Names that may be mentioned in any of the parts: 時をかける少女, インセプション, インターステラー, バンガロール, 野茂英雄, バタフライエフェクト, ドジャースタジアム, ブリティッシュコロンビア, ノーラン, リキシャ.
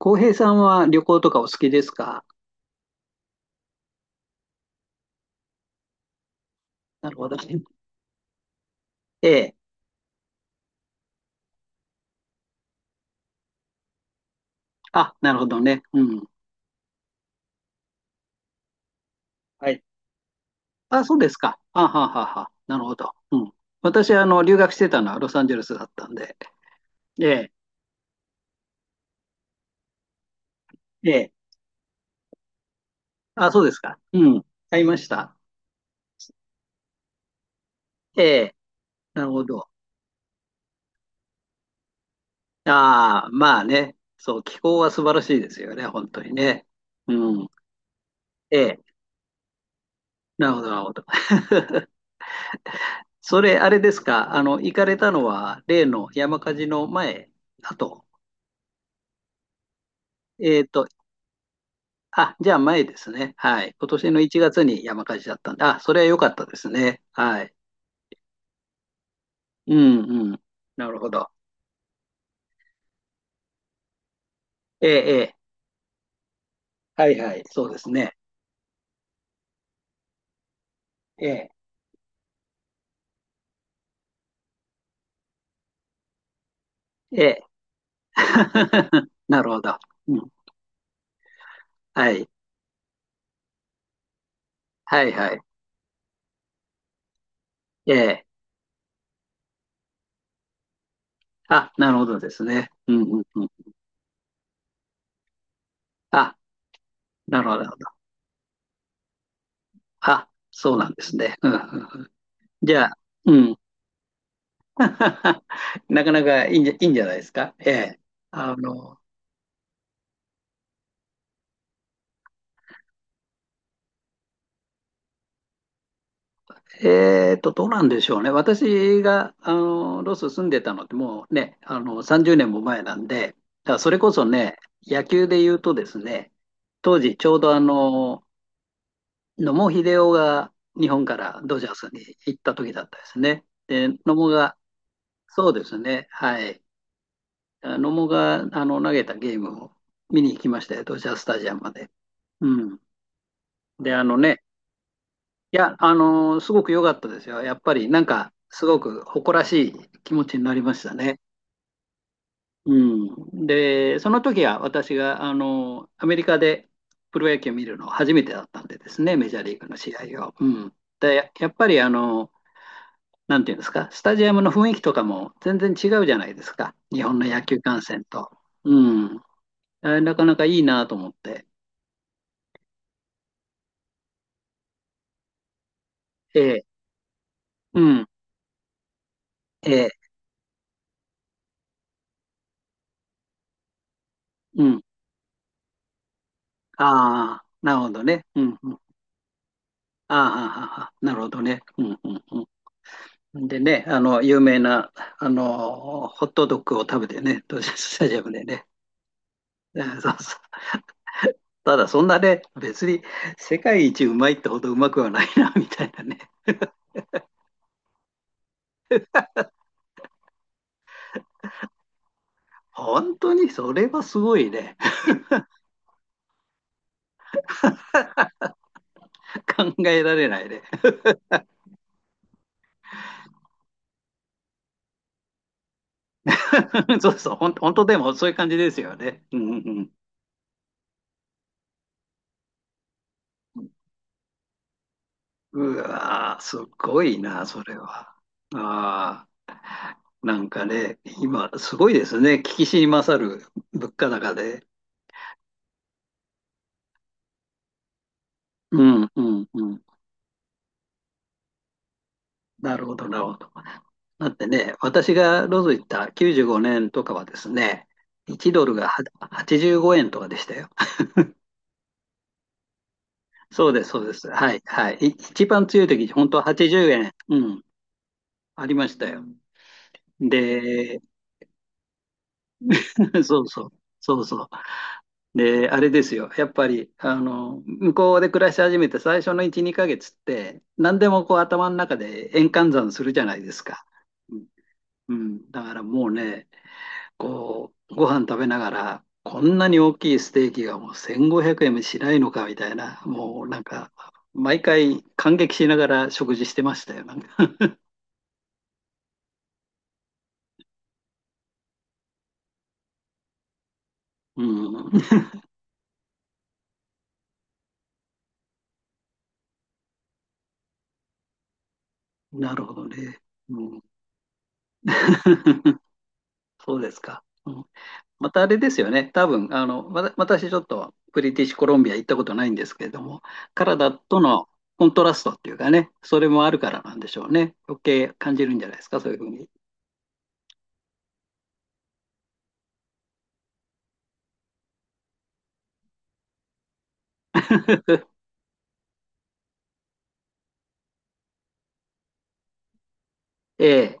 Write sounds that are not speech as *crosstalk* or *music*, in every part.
浩平さんは旅行とかお好きですか？なるほど。ええ。あ、なるほどね。うん。はい。あ、そうですか。あはははは。なるほど。うん。私、留学してたのはロサンゼルスだったんで。ええ。ええ。あ、そうですか。うん。買いました。ええ。なるほど。ああ、まあね。そう、気候は素晴らしいですよね。本当にね。うん。ええ。なるほど、なるほど。それ、あれですか。行かれたのは、例の山火事の前だと。えっと、あ、じゃあ前ですね。はい。今年の1月に山火事だったんで、あ、それは良かったですね。はい。うんうん。なるほど。ええ、ええ。はいはい。そうですね。ええ、ええ。*laughs* なるほど。うん。はい。はいはい。ええ。あ、なるほどですね。うんうんうん。あ、なるほど。なるほど。あ、そうなんですね。うんうんうん。じゃあ、うん。*laughs* なかなかいいんじゃ、いいんじゃないですか。ええ。あの、どうなんでしょうね。私が、ロス住んでたのってもうね、30年も前なんで、だからそれこそね、野球で言うとですね、当時ちょうど野茂英雄が日本からドジャースに行った時だったですね。で、野茂が、そうですね、はい。あ、野茂が、投げたゲームを見に行きましたよ、ドジャースタジアムまで。うん。で、あのね、いや、すごく良かったですよ。やっぱりなんか、すごく誇らしい気持ちになりましたね。うん。で、その時は私が、アメリカでプロ野球を見るの初めてだったんでですね、メジャーリーグの試合を。うん。で、やっぱり、なんていうんですか、スタジアムの雰囲気とかも全然違うじゃないですか。日本の野球観戦と。うん。あ、なかなかいいなと思って。ええ。うん。ええ。うん。ああ、なるほどね。うん。うん。ああ、ああああ、なるほどね。うんうんうん。でね、有名な、ホットドッグを食べてね、ドジャーススタジアムでね。うん、そうそう。ただ、そんなね、別に世界一うまいってほどうまくはないな、*laughs* みたいなね。本当に、それはすごいね。*laughs* 考えられないね。*laughs* そうそう、本当でもそういう感じですよね。うんうんうん。うわー、すごいな、それは。ああ。なんかね、今、すごいですね。聞きしに勝る物価高で。うん、うん、うん。なるほど、なるほど。だってね、私がロス行った95年とかはですね、1ドルが85円とかでしたよ。*laughs* そうです、そうです。はい、はい。一番強い時、本当は80円、うん、ありましたよ。で、*laughs* そうそう、そうそう。で、あれですよ。やっぱり、向こうで暮らし始めて最初の1、2ヶ月って、何でもこう頭の中で円換算するじゃないですか。うんうん。だからもうね、こう、ご飯食べながら、こんなに大きいステーキがもう1500円もしないのかみたいな、もうなんか、毎回感激しながら食事してましたよ。なんか。 *laughs* うん。*laughs* なるほどね。うん。*laughs* そうですか。うん。またあれですよね。多分、私ちょっとブリティッシュコロンビア行ったことないんですけれども、カナダとのコントラストっていうかね、それもあるからなんでしょうね。余計感じるんじゃないですか、そういうふうに。*laughs* ええ。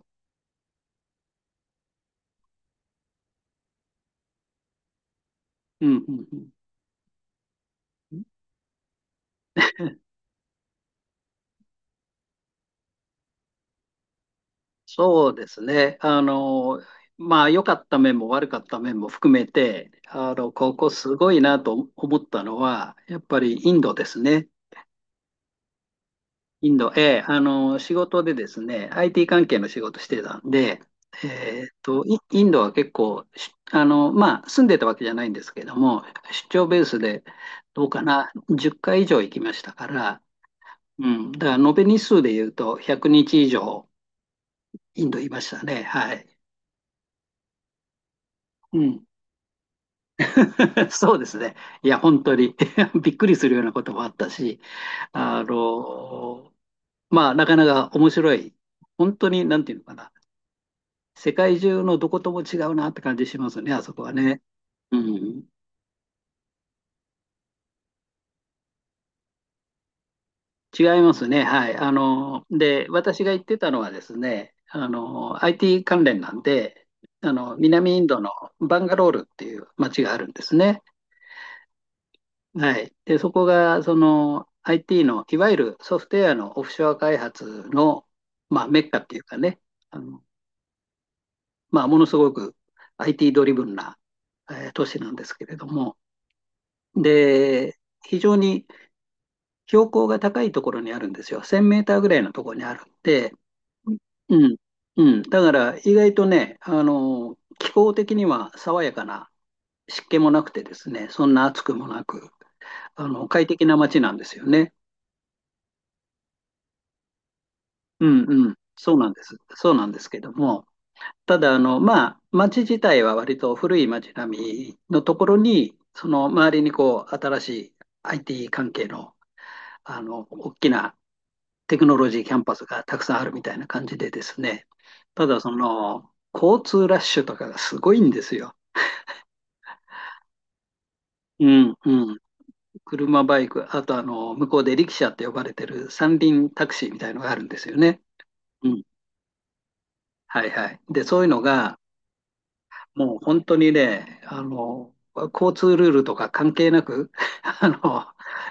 うんうんうん。そうですね。まあ、良かった面も悪かった面も含めて、ここすごいなと思ったのは、やっぱりインドですね。インド、ええ、仕事でですね、IT 関係の仕事してたんで、インドは結構、しあの、まあ、住んでたわけじゃないんですけども、出張ベースで、どうかな、10回以上行きましたから、うん、だから延べ日数で言うと、100日以上、インドいましたね、はい。うん。 *laughs* そうですね。いや、本当に *laughs* びっくりするようなこともあったし、あの、まあ、なかなか面白い、本当に、なんていうのかな、世界中のどことも違うなって感じしますね、あそこはね。うん、違いますね。はい。で、私が言ってたのはですね、IT 関連なんで、南インドのバンガロールっていう街があるんですね。はい。で、そこが、その、IT の、いわゆるソフトウェアのオフショア開発の、まあ、メッカっていうかね、あの、まあ、ものすごく IT ドリブンな、都市なんですけれども、で、非常に標高が高いところにあるんですよ。1000メーターぐらいのところにあるんで、うん、うん。だから意外とね、気候的には爽やかな湿気もなくてですね、そんな暑くもなく、快適な街なんですよね。うんうん。そうなんです。そうなんですけども、ただ、まあ、街自体は割と古い街並みのところに、その周りにこう、新しい IT 関係の、大きなテクノロジーキャンパスがたくさんあるみたいな感じでですね、ただその、交通ラッシュとかがすごいんですよ。うんうん。車、バイク、あと、向こうでリキシャって呼ばれてる三輪タクシーみたいのがあるんですよね。うん。はいはい。で、そういうのが、もう本当にね、交通ルールとか関係なく、*laughs* あの、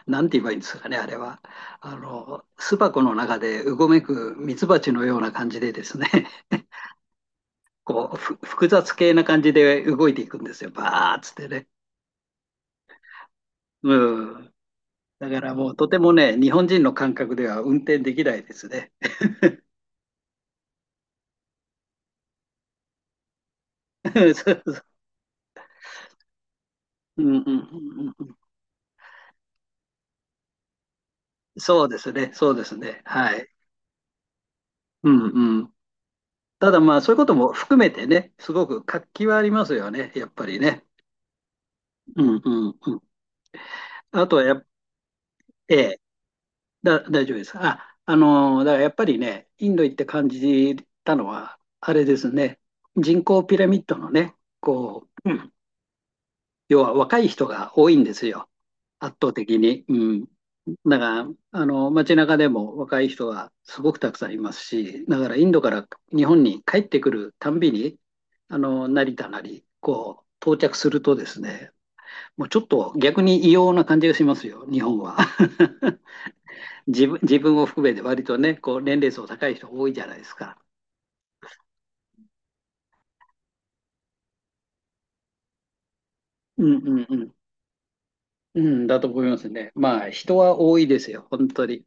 なんて言えばいいんですかね、あれは。巣箱の中でうごめくミツバチのような感じでですね、こう、複雑系な感じで動いていくんですよ。バーっつってね。うん。だからもうとてもね、日本人の感覚では運転できないですね。*laughs* そうそう。うんうんうんうん。そうですね、そうですね。はい。うんうん。ただまあ、そういうことも含めてね、すごく活気はありますよね、やっぱりね。うんうんうん。あとはやっ、ええ、大丈夫です。あ、だからやっぱりね、インド行って感じたのは、あれですね、人口ピラミッドのね、こう、要は若い人が多いんですよ、圧倒的に。うん、だから、街中でも若い人がすごくたくさんいますし、だからインドから日本に帰ってくるたんびに、成田なり、こう、到着するとですね、もうちょっと逆に異様な感じがしますよ、日本は。*laughs* 自分を含めて割とね、こう、年齢層高い人多いじゃないですか。うんうんうん。うん、だと思いますね。まあ、人は多いですよ、本当に。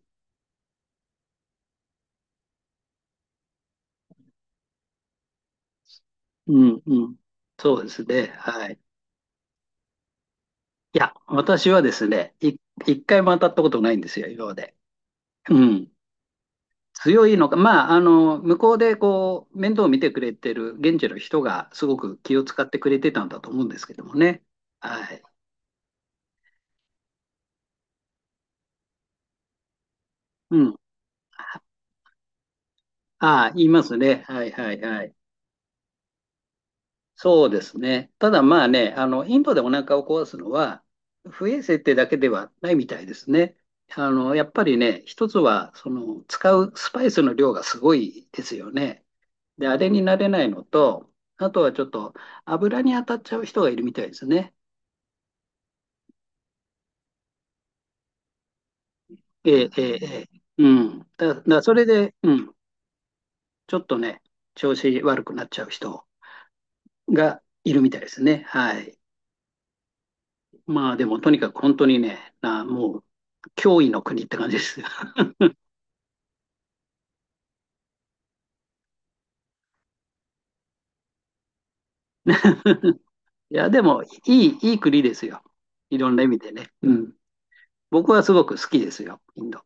うんうん。そうですね。はい。いや、私はですね、一回も当たったことないんですよ、今まで。うん。強いのか、まあ、向こうでこう、面倒を見てくれてる現地の人がすごく気を使ってくれてたんだと思うんですけどもね。はい。うん。ああ、言いますね。はいはいはい。そうですね。ただまあね、インドでお腹を壊すのは、不衛生ってだけではないみたいですね。やっぱりね、一つは、その、使うスパイスの量がすごいですよね。で、あれになれないのと、あとはちょっと油に当たっちゃう人がいるみたいですね。ええ、ええ、ええ、うん。それで、うん、ちょっとね、調子悪くなっちゃう人がいるみたいですね。はい。まあでも、とにかく本当にね、もう、脅威の国って感じですよね。*laughs* いや、でも、いい国ですよ。いろんな意味でね。うん。僕はすごく好きですよ、インド。